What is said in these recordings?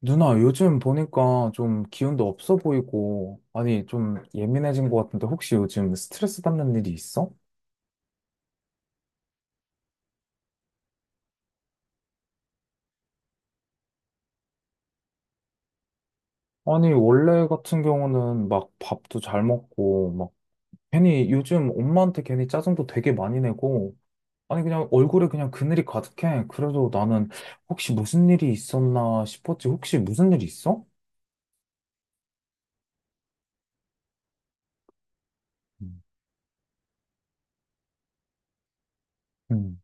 누나, 요즘 보니까 좀 기운도 없어 보이고, 아니, 좀 예민해진 것 같은데, 혹시 요즘 스트레스 받는 일이 있어? 아니, 원래 같은 경우는 막 밥도 잘 먹고, 막 괜히 요즘 엄마한테 괜히 짜증도 되게 많이 내고, 아니, 그냥 얼굴에 그냥 그늘이 가득해. 그래도 나는 혹시 무슨 일이 있었나 싶었지. 혹시 무슨 일이 있어? 음. 음.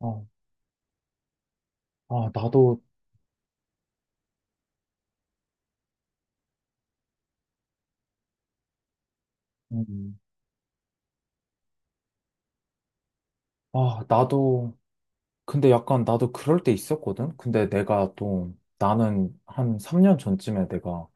어, 아, 나도, 음. 아, 나도 근데 약간 나도 그럴 때 있었거든? 근데 내가 또 나는 한 3년 전쯤에 내가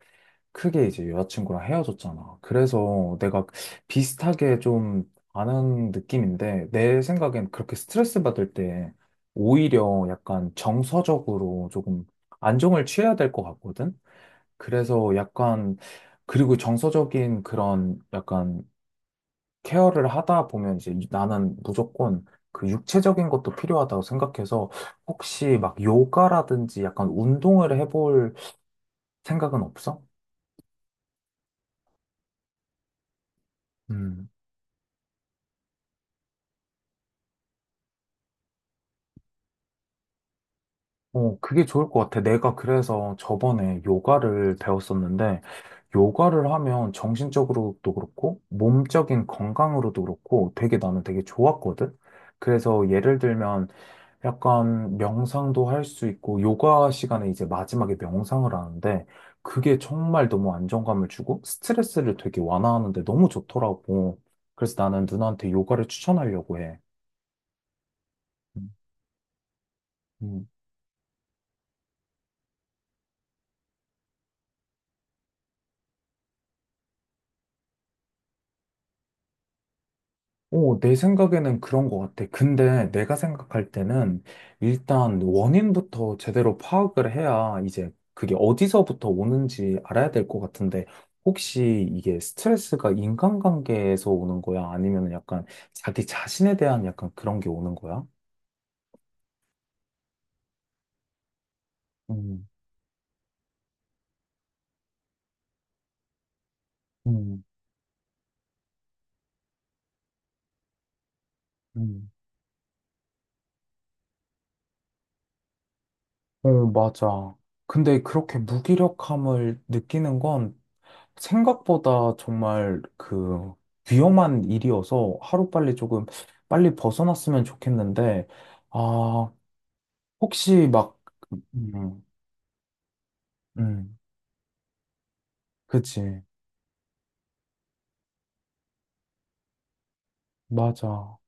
크게 이제 여자친구랑 헤어졌잖아. 그래서 내가 비슷하게 좀 아는 느낌인데 내 생각엔 그렇게 스트레스 받을 때 오히려 약간 정서적으로 조금 안정을 취해야 될 것 같거든? 그래서 약간 그리고 정서적인 그런 약간 케어를 하다 보면 이제 나는 무조건 그 육체적인 것도 필요하다고 생각해서 혹시 막 요가라든지 약간 운동을 해볼 생각은 없어? 음. 어, 그게 좋을 것 같아. 내가 그래서 저번에 요가를 배웠었는데, 요가를 하면 정신적으로도 그렇고, 몸적인 건강으로도 그렇고, 되게 나는 되게 좋았거든? 그래서 예를 들면, 약간 명상도 할 수 있고, 요가 시간에 이제 마지막에 명상을 하는데, 그게 정말 너무 안정감을 주고, 스트레스를 되게 완화하는데 너무 좋더라고. 그래서 나는 누나한테 요가를 추천하려고 해. 음. 오, 내 생각에는 그런 것 같아. 근데 내가 생각할 때는 일단 원인부터 제대로 파악을 해야 이제 그게 어디서부터 오는지 알아야 될 것 같은데 혹시 이게 스트레스가 인간관계에서 오는 거야? 아니면 약간 자기 자신에 대한 약간 그런 게 오는 거야? 음, 음, 음. 어, 맞아. 근데 그렇게 무기력함을 느끼는 건 생각보다 정말 그 위험한 일이어서 하루빨리 조금 빨리 벗어났으면 좋겠는데, 아, 혹시 막, 음, 음, 그치. 맞아.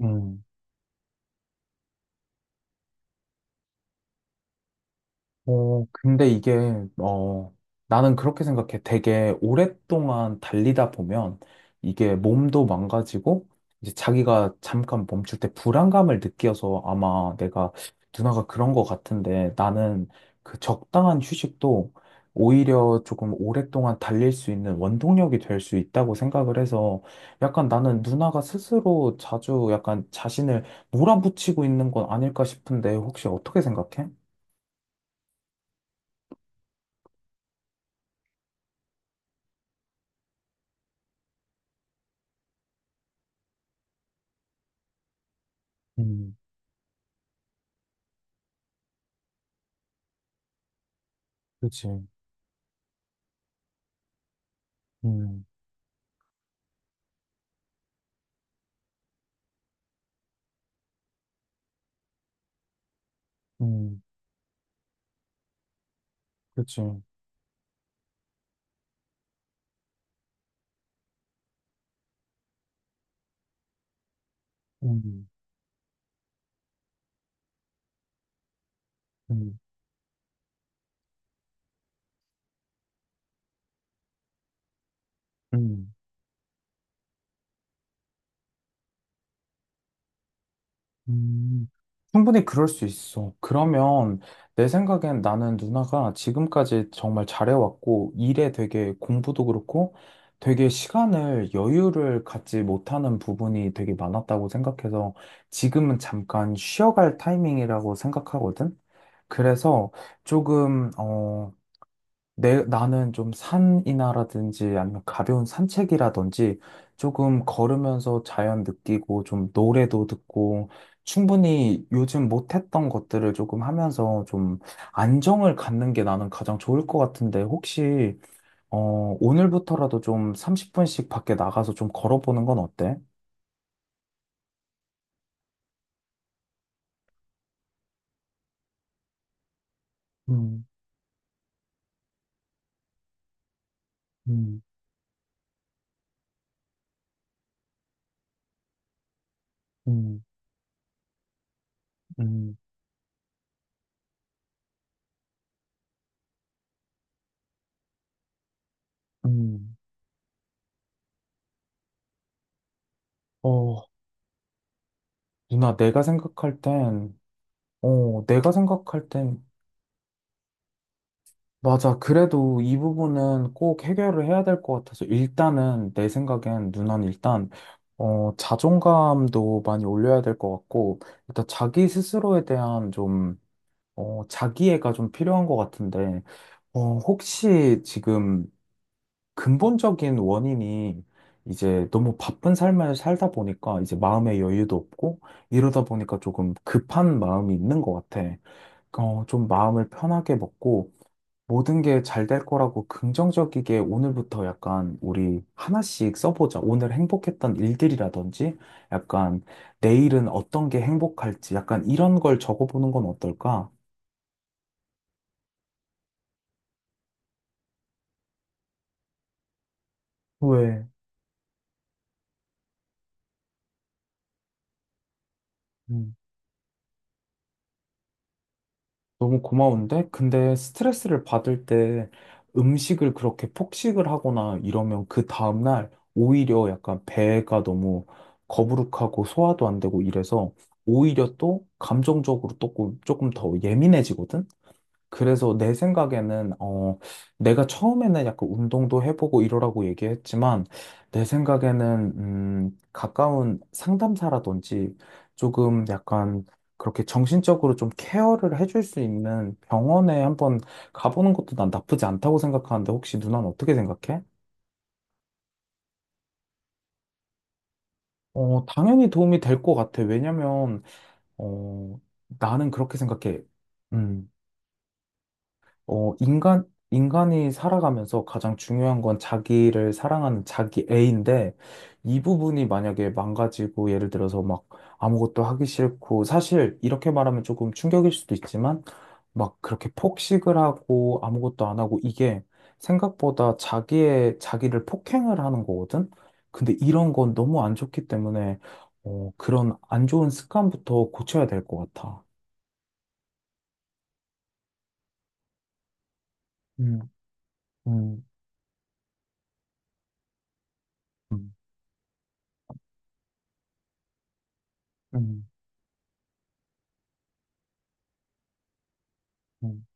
음. 어, 근데 이게, 어, 나는 그렇게 생각해. 되게 오랫동안 달리다 보면 이게 몸도 망가지고, 이제 자기가 잠깐 멈출 때 불안감을 느껴서 아마 내가 누나가 그런 것 같은데 나는 그 적당한 휴식도 오히려 조금 오랫동안 달릴 수 있는 원동력이 될 수 있다고 생각을 해서 약간 나는 누나가 스스로 자주 약간 자신을 몰아붙이고 있는 건 아닐까 싶은데 혹시 어떻게 생각해? 음. 그치. 음, 음, 그치. 음, 음, 음. 충분히 그럴 수 있어. 그러면 내 생각엔 나는 누나가 지금까지 정말 잘해왔고, 일에 되게 공부도 그렇고, 되게 시간을 여유를 갖지 못하는 부분이 되게 많았다고 생각해서 지금은 잠깐 쉬어갈 타이밍이라고 생각하거든. 그래서 조금, 어, 나는 좀 산이나라든지 아니면 가벼운 산책이라든지 조금 걸으면서 자연 느끼고 좀 노래도 듣고 충분히 요즘 못했던 것들을 조금 하면서 좀 안정을 갖는 게 나는 가장 좋을 것 같은데 혹시, 어, 오늘부터라도 좀 30분씩 밖에 나가서 좀 걸어보는 건 어때? 음, 음, 음, 음, 음. 어, 누나, 내가 생각할 땐, 어, 내가 생각할 땐 맞아. 그래도 이 부분은 꼭 해결을 해야 될 것 같아서 일단은 내 생각엔 누난 일단 어, 자존감도 많이 올려야 될 것 같고 일단 자기 스스로에 대한 좀 어, 자기애가 좀 필요한 것 같은데 어, 혹시 지금 근본적인 원인이 이제 너무 바쁜 삶을 살다 보니까 이제 마음의 여유도 없고 이러다 보니까 조금 급한 마음이 있는 것 같아. 어, 좀 마음을 편하게 먹고 모든 게 잘 될 거라고 긍정적이게 오늘부터 약간 우리 하나씩 써보자. 오늘 행복했던 일들이라든지 약간 내일은 어떤 게 행복할지 약간 이런 걸 적어보는 건 어떨까? 왜? 음, 너무 고마운데? 근데 스트레스를 받을 때 음식을 그렇게 폭식을 하거나 이러면 그 다음날 오히려 약간 배가 너무 거부룩하고 소화도 안 되고 이래서 오히려 또 감정적으로 조금 더 예민해지거든? 그래서 내 생각에는, 어, 내가 처음에는 약간 운동도 해보고 이러라고 얘기했지만, 내 생각에는, 가까운 상담사라든지 조금 약간 그렇게 정신적으로 좀 케어를 해줄 수 있는 병원에 한번 가보는 것도 난 나쁘지 않다고 생각하는데, 혹시 누나는 어떻게 생각해? 어, 당연히 도움이 될 것 같아. 왜냐면, 어, 나는 그렇게 생각해. 음. 어, 인간이 살아가면서 가장 중요한 건 자기를 사랑하는 자기 애인데, 이 부분이 만약에 망가지고, 예를 들어서 막 아무것도 하기 싫고, 사실 이렇게 말하면 조금 충격일 수도 있지만, 막 그렇게 폭식을 하고, 아무것도 안 하고, 이게 생각보다 자기를 폭행을 하는 거거든? 근데 이런 건 너무 안 좋기 때문에, 어, 그런 안 좋은 습관부터 고쳐야 될 것 같아. 음, 음, 음. 음, 음,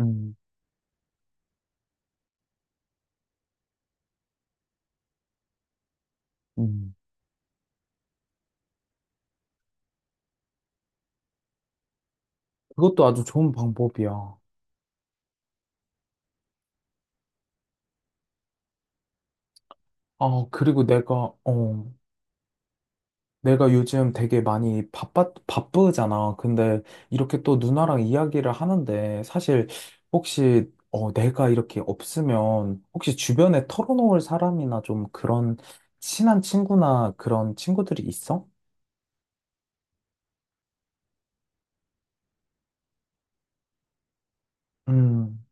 음. 음, 그것도 아주 좋은 방법이야. 아, 그리고 내가, 어, 내가 요즘 되게 많이 바쁘잖아. 근데 이렇게 또 누나랑 이야기를 하는데 사실 혹시, 어, 내가 이렇게 없으면 혹시 주변에 털어놓을 사람이나 좀 그런 친한 친구나 그런 친구들이 있어? 음,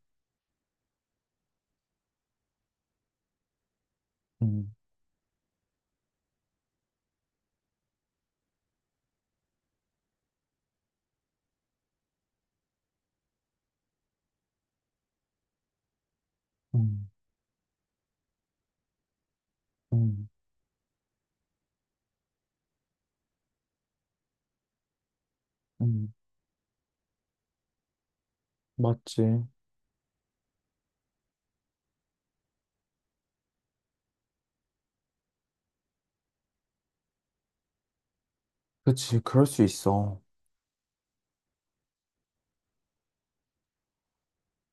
음, 음, 음, 음, 맞지. 그치, 그럴 수 있어.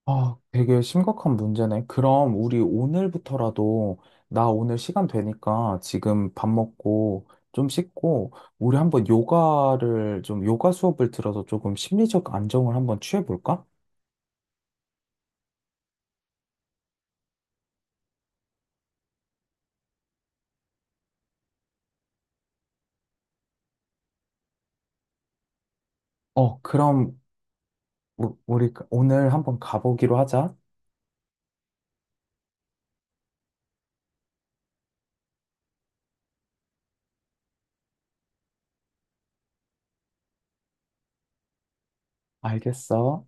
아, 되게 심각한 문제네. 그럼 우리 오늘부터라도 나 오늘 시간 되니까 지금 밥 먹고 좀 씻고 우리 한번 요가를 좀 요가 수업을 들어서 조금 심리적 안정을 한번 취해볼까? 어, 그럼 우리 그 오늘 한번 가보기로 하자. 알겠어.